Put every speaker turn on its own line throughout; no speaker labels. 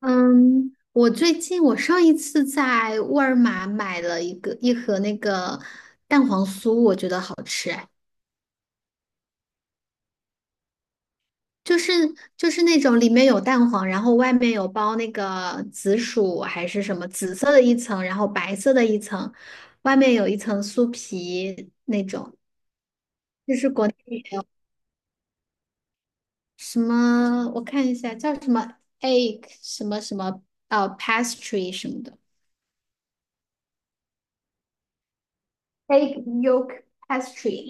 嗯，我最近我上一次在沃尔玛买了一盒那个蛋黄酥，我觉得好吃哎。就是就是那种里面有蛋黄，然后外面有包那个紫薯还是什么紫色的一层，然后白色的一层，外面有一层酥皮。就是国内什么我看一下叫什么 egg 什么什么pastry 什么的 egg yolk pastry。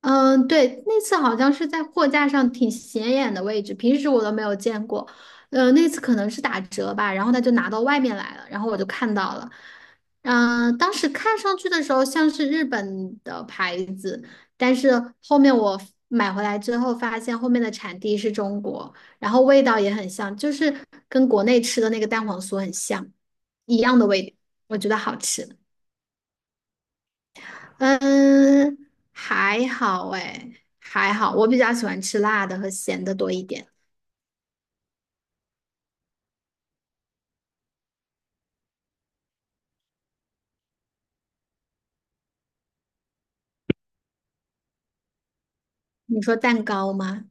嗯，对，那次好像是在货架上挺显眼的位置，平时我都没有见过。那次可能是打折吧，然后他就拿到外面来了，然后我就看到了。当时看上去的时候像是日本的牌子，但是后面我买回来之后发现后面的产地是中国，然后味道也很像，就是跟国内吃的那个蛋黄酥很像，一样的味道，我觉得好吃。嗯，还好哎，还好，我比较喜欢吃辣的和咸的多一点。你说蛋糕吗？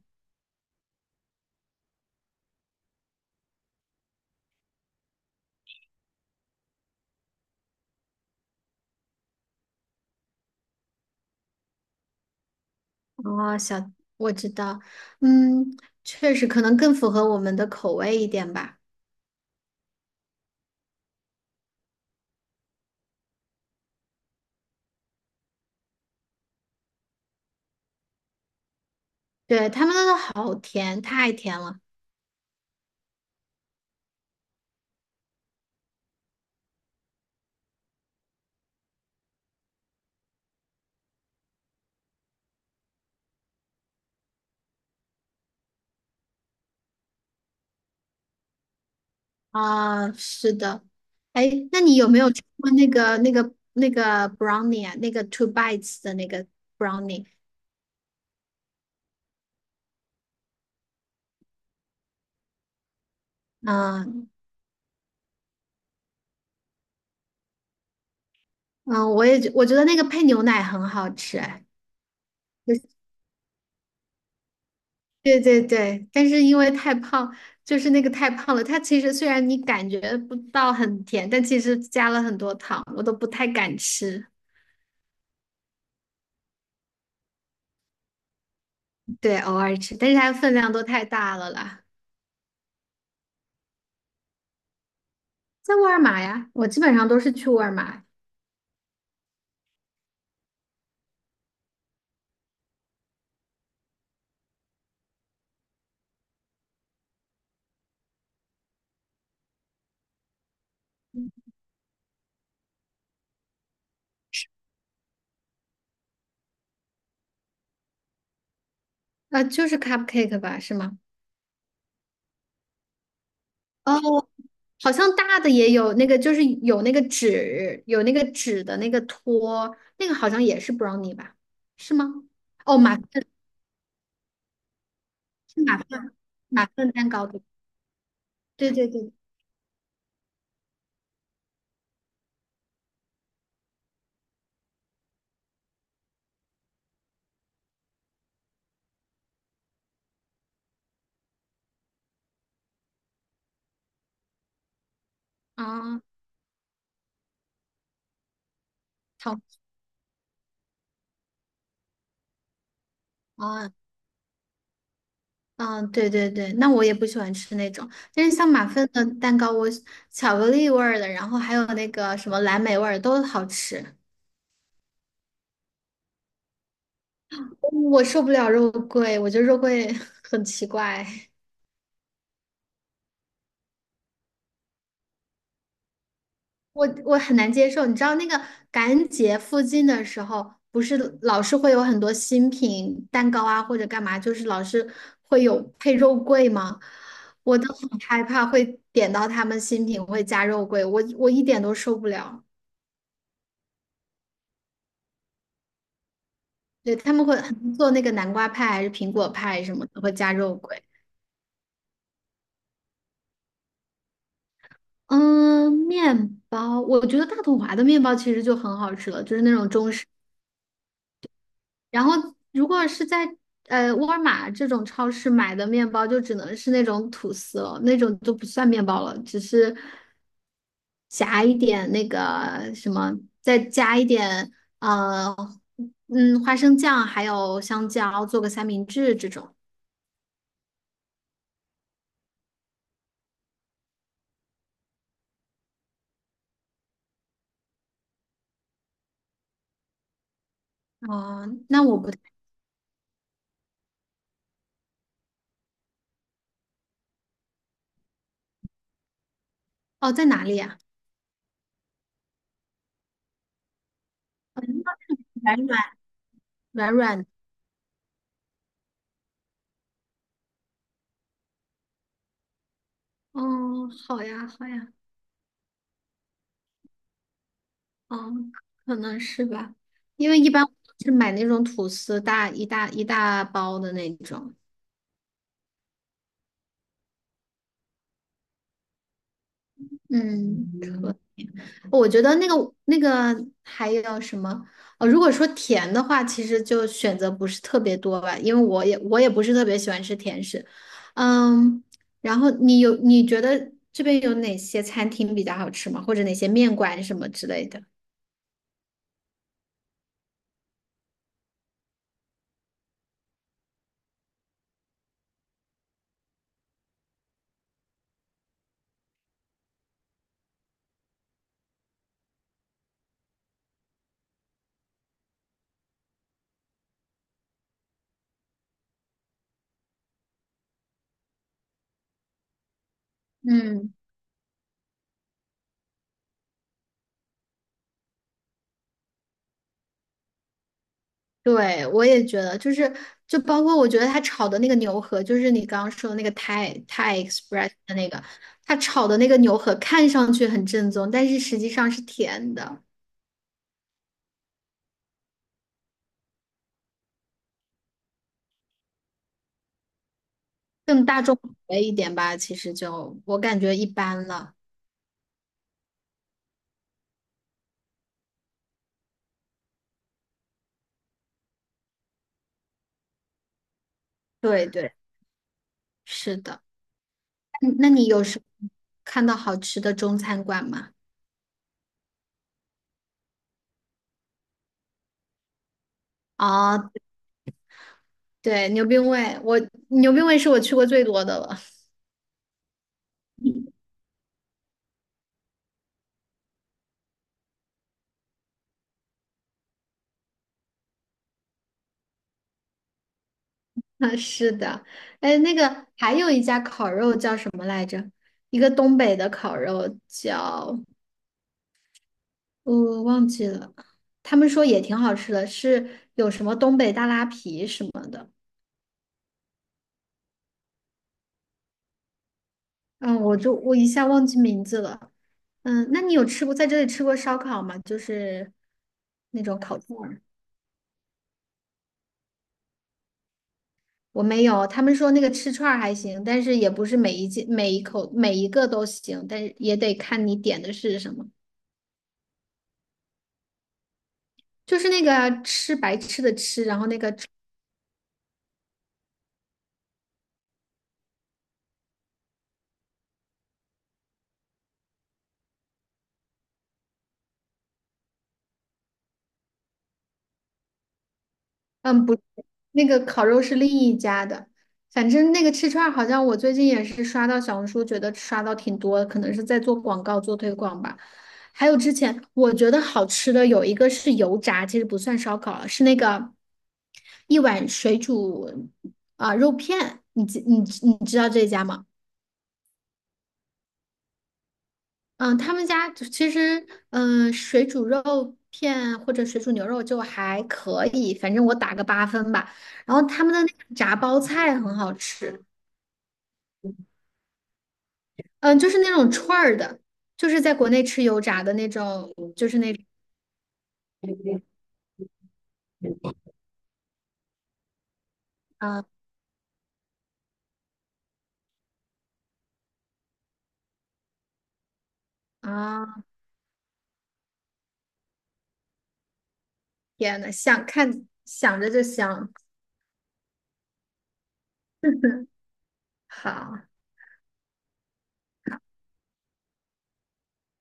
哦，我知道，嗯，确实可能更符合我们的口味一点吧。对，他们那都好甜，太甜了啊，是的。哎，那你有没有吃过那个 brownie 啊？那个 two bites 的那个 brownie？嗯嗯，我觉得那个配牛奶很好吃，哎。对对对，但是因为太胖，就是那个太胖了。它其实虽然你感觉不到很甜，但其实加了很多糖，我都不太敢吃。对，偶尔吃，但是它分量都太大了啦。在沃尔玛呀，我基本上都是去沃尔玛。就是 cupcake 吧，是吗？哦，好像大的也有那个，就是有那个纸，有那个纸的那个托，那个好像也是 brownie 吧？是吗？哦，马芬，是马芬蛋糕，对对对对，啊。啊啊，对对对，那我也不喜欢吃那种，但是像马芬的蛋糕，我巧克力味儿的，然后还有那个什么蓝莓味儿都好吃。我受不了肉桂，我觉得肉桂 很奇怪，我很难接受。你知道那个感恩节附近的时候，不是老是会有很多新品蛋糕啊，或者干嘛，就是老是会有配肉桂吗？我都很害怕会点到他们新品会加肉桂，我一点都受不了。对，他们会很做那个南瓜派还是苹果派什么的，会加肉桂。嗯，面包，我觉得大统华的面包其实就很好吃了，就是那种中式。然后如果是在沃尔玛这种超市买的面包，就只能是那种吐司了，那种就不算面包了，只是夹一点那个什么，再加一点呃花生酱，还有香蕉，做个三明治这种。哦，那我不哦在哪里呀？嗯软软软软。哦，好呀，好呀。哦，可能是吧。因为一般我是买那种吐司大包的那种。嗯，可我觉得那个还有什么？如果说甜的话，其实就选择不是特别多吧，因为我也不是特别喜欢吃甜食。嗯，然后你觉得这边有哪些餐厅比较好吃吗？或者哪些面馆什么之类的？嗯。对，我也觉得，就是包括我觉得他炒的那个牛河，就是你刚刚说的那个泰 Express 的那个，他炒的那个牛河看上去很正宗，但是实际上是甜的。哎，一点吧，其实就我感觉一般了。对对，是的。嗯，那你有什么看到好吃的中餐馆吗？啊，对，牛冰味，牛冰味是我去过最多的了。啊，是的。哎，那个还有一家烤肉叫什么来着？一个东北的烤肉叫，我忘记了，他们说也挺好吃的，是有什么东北大拉皮什么的。嗯，我一下忘记名字了。嗯，那你有吃过在这里吃过烧烤吗？就是那种烤串儿。我没有，他们说那个吃串儿还行，但是也不是每一件每一口每一个都行，但是也得看你点的是什么。就是那个啊吃白吃的吃，然后那个嗯不，那个烤肉是另一家的。反正那个吃串儿好像我最近也是刷到小红书，觉得刷到挺多的，可能是在做广告做推广吧。还有之前我觉得好吃的有一个是油炸，其实不算烧烤了，是那个一碗水煮啊、肉片，你知道这家吗？嗯，他们家就其实，嗯，水煮肉片或者水煮牛肉就还可以，反正我打个8分吧。然后他们的那个炸包菜很好吃。嗯，就是那种串儿的，就是在国内吃油炸的那种，就是那，啊啊，天呐，想着就香。好，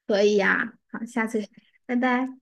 可以呀，好，下次拜拜。